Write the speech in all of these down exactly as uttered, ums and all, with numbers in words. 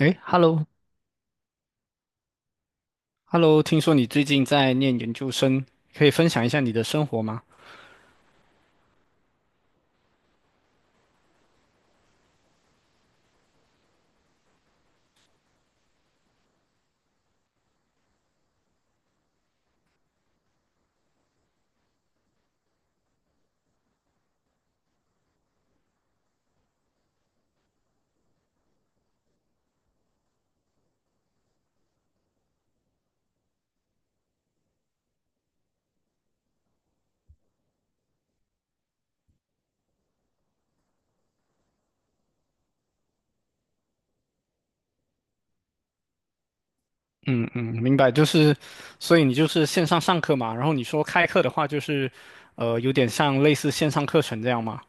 诶， h e l l o h e l l o 听说你最近在念研究生，可以分享一下你的生活吗？嗯，明白，就是，所以你就是线上上课嘛，然后你说开课的话，就是，呃，有点像类似线上课程这样嘛。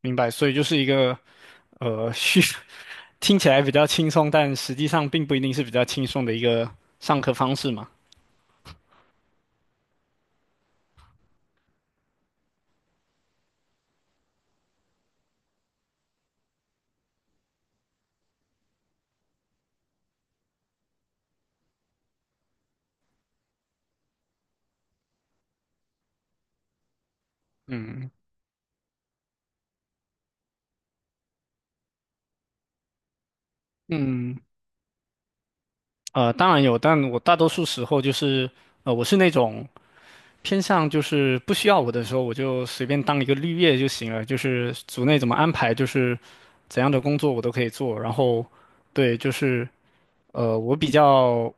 明白，所以就是一个，呃，虚，听起来比较轻松，但实际上并不一定是比较轻松的一个上课方式嘛。嗯嗯，呃，当然有，但我大多数时候就是，呃，我是那种。偏向就是不需要我的时候，我就随便当一个绿叶就行了。就是组内怎么安排，就是怎样的工作我都可以做。然后，对，就是呃，我比较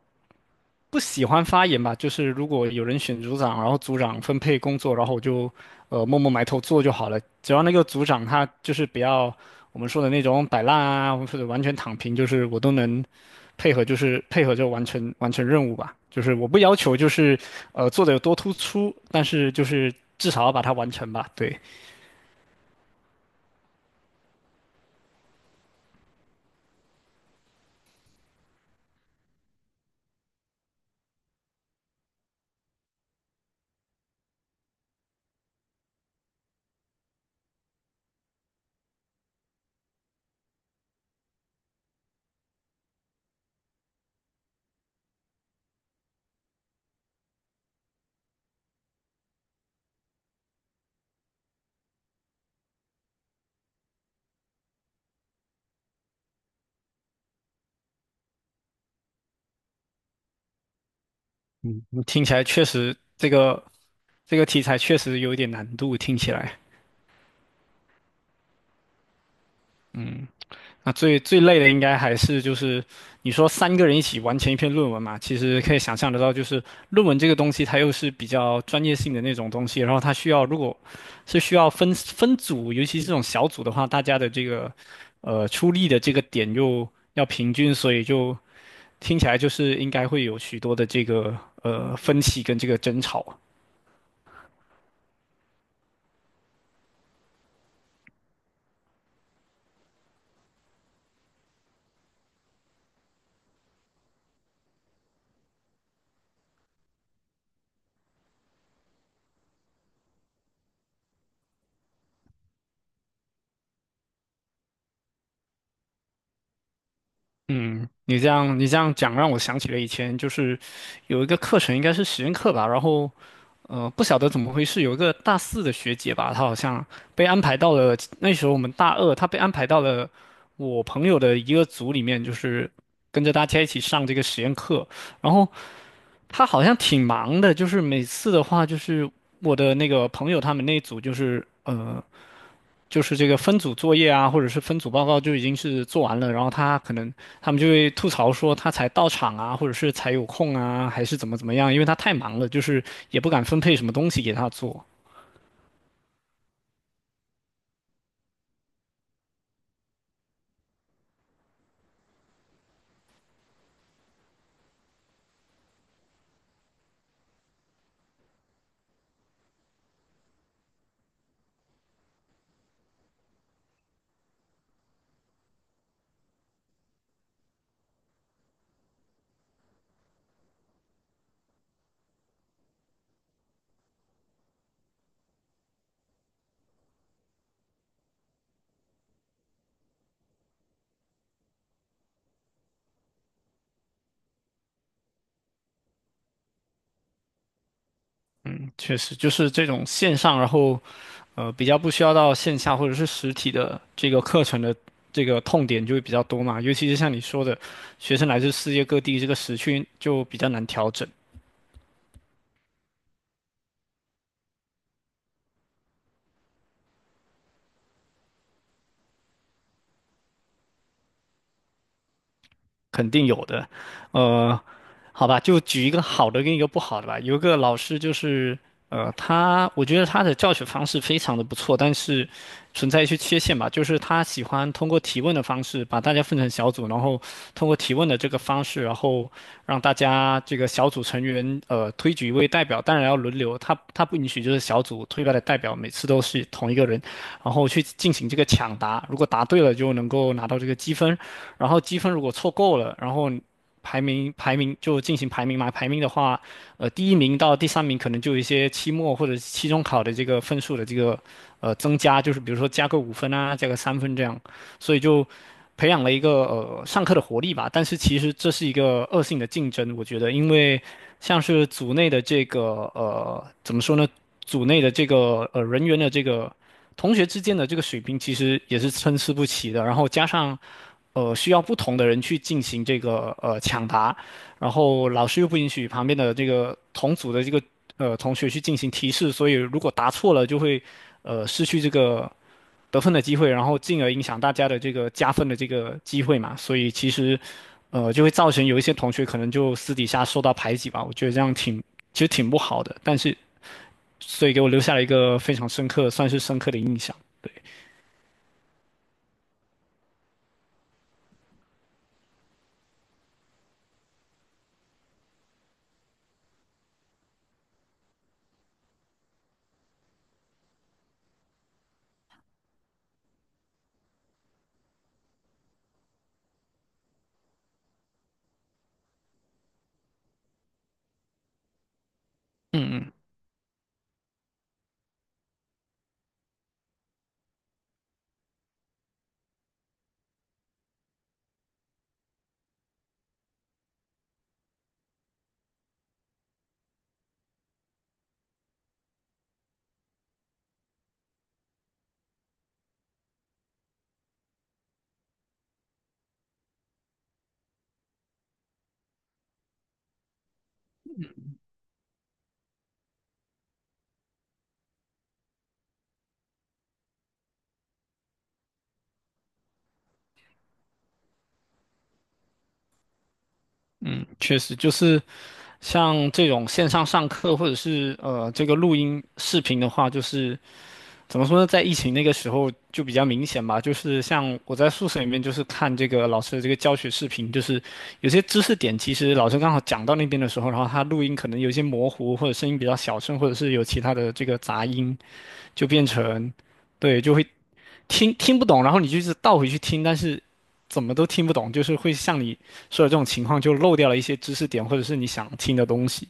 不喜欢发言吧。就是如果有人选组长，然后组长分配工作，然后我就呃默默埋头做就好了。只要那个组长他就是不要我们说的那种摆烂啊，或者完全躺平，就是我都能配合就是配合着完成完成任务吧。就是我不要求就是呃做的有多突出，但是就是至少要把它完成吧。对。嗯，听起来确实这个这个题材确实有一点难度，听起来。那最最累的应该还是就是你说三个人一起完成一篇论文嘛，其实可以想象得到，就是论文这个东西它又是比较专业性的那种东西，然后它需要如果是需要分分组，尤其是这种小组的话，大家的这个呃出力的这个点又要平均，所以就听起来就是应该会有许多的这个呃分歧跟这个争吵。嗯，你这样你这样讲让我想起了以前就是有一个课程应该是实验课吧，然后呃不晓得怎么回事，有一个大四的学姐吧，她好像被安排到了那时候我们大二，她被安排到了我朋友的一个组里面，就是跟着大家一起上这个实验课，然后她好像挺忙的，就是每次的话就是我的那个朋友他们那一组就是呃。就是这个分组作业啊，或者是分组报告就已经是做完了，然后他可能他们就会吐槽说他才到场啊，或者是才有空啊，还是怎么怎么样，因为他太忙了，就是也不敢分配什么东西给他做。嗯，确实就是这种线上，然后呃比较不需要到线下或者是实体的这个课程的这个痛点就会比较多嘛，尤其是像你说的，学生来自世界各地，这个时区就比较难调整。肯定有的，呃，好吧，就举一个好的跟一个不好的吧。有一个老师就是，呃，他我觉得他的教学方式非常的不错，但是存在一些缺陷吧，就是他喜欢通过提问的方式把大家分成小组，然后通过提问的这个方式，然后让大家这个小组成员呃推举一位代表，当然要轮流，他他不允许就是小组推派的代表每次都是同一个人，然后去进行这个抢答，如果答对了就能够拿到这个积分。然后积分如果凑够了，然后排名排名就进行排名嘛，排名的话，呃，第一名到第三名可能就有一些期末或者期中考的这个分数的这个呃增加，就是比如说加个五分啊，加个三分这样，所以就培养了一个呃上课的活力吧。但是其实这是一个恶性的竞争，我觉得，因为像是组内的这个呃怎么说呢，组内的这个呃人员的这个。呃同学之间的这个水平其实也是参差不齐的，然后加上呃，需要不同的人去进行这个呃抢答，然后老师又不允许旁边的这个同组的这个呃同学去进行提示，所以如果答错了就会呃失去这个得分的机会，然后进而影响大家的这个加分的这个机会嘛，所以其实呃就会造成有一些同学可能就私底下受到排挤吧，我觉得这样挺其实挺不好的，但是所以给我留下了一个非常深刻，算是深刻的印象。嗯嗯嗯，确实就是。像这种线上上课或者是呃这个录音视频的话，就是怎么说呢，在疫情那个时候就比较明显吧。就是像我在宿舍里面，就是看这个老师的这个教学视频，就是有些知识点其实老师刚好讲到那边的时候，然后他录音可能有一些模糊，或者声音比较小声，或者是有其他的这个杂音，就变成对就会听听不懂，然后你就是倒回去听，但是怎么都听不懂，就是会像你说的这种情况，就漏掉了一些知识点，或者是你想听的东西。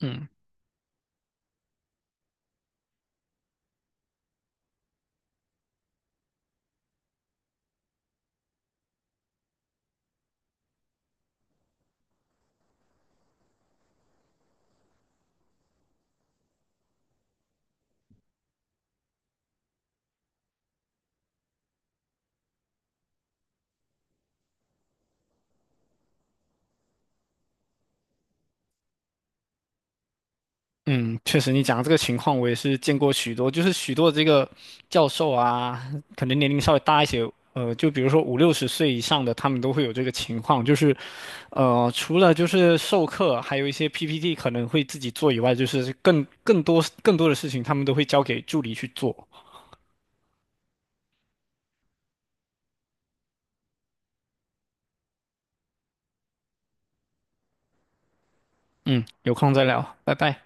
嗯。嗯，确实，你讲的这个情况我也是见过许多，就是许多这个教授啊，可能年龄稍微大一些，呃，就比如说五六十岁以上的，他们都会有这个情况，就是，呃，除了就是授课，还有一些 P P T 可能会自己做以外，就是更更多更多的事情，他们都会交给助理去做。嗯，有空再聊，拜拜。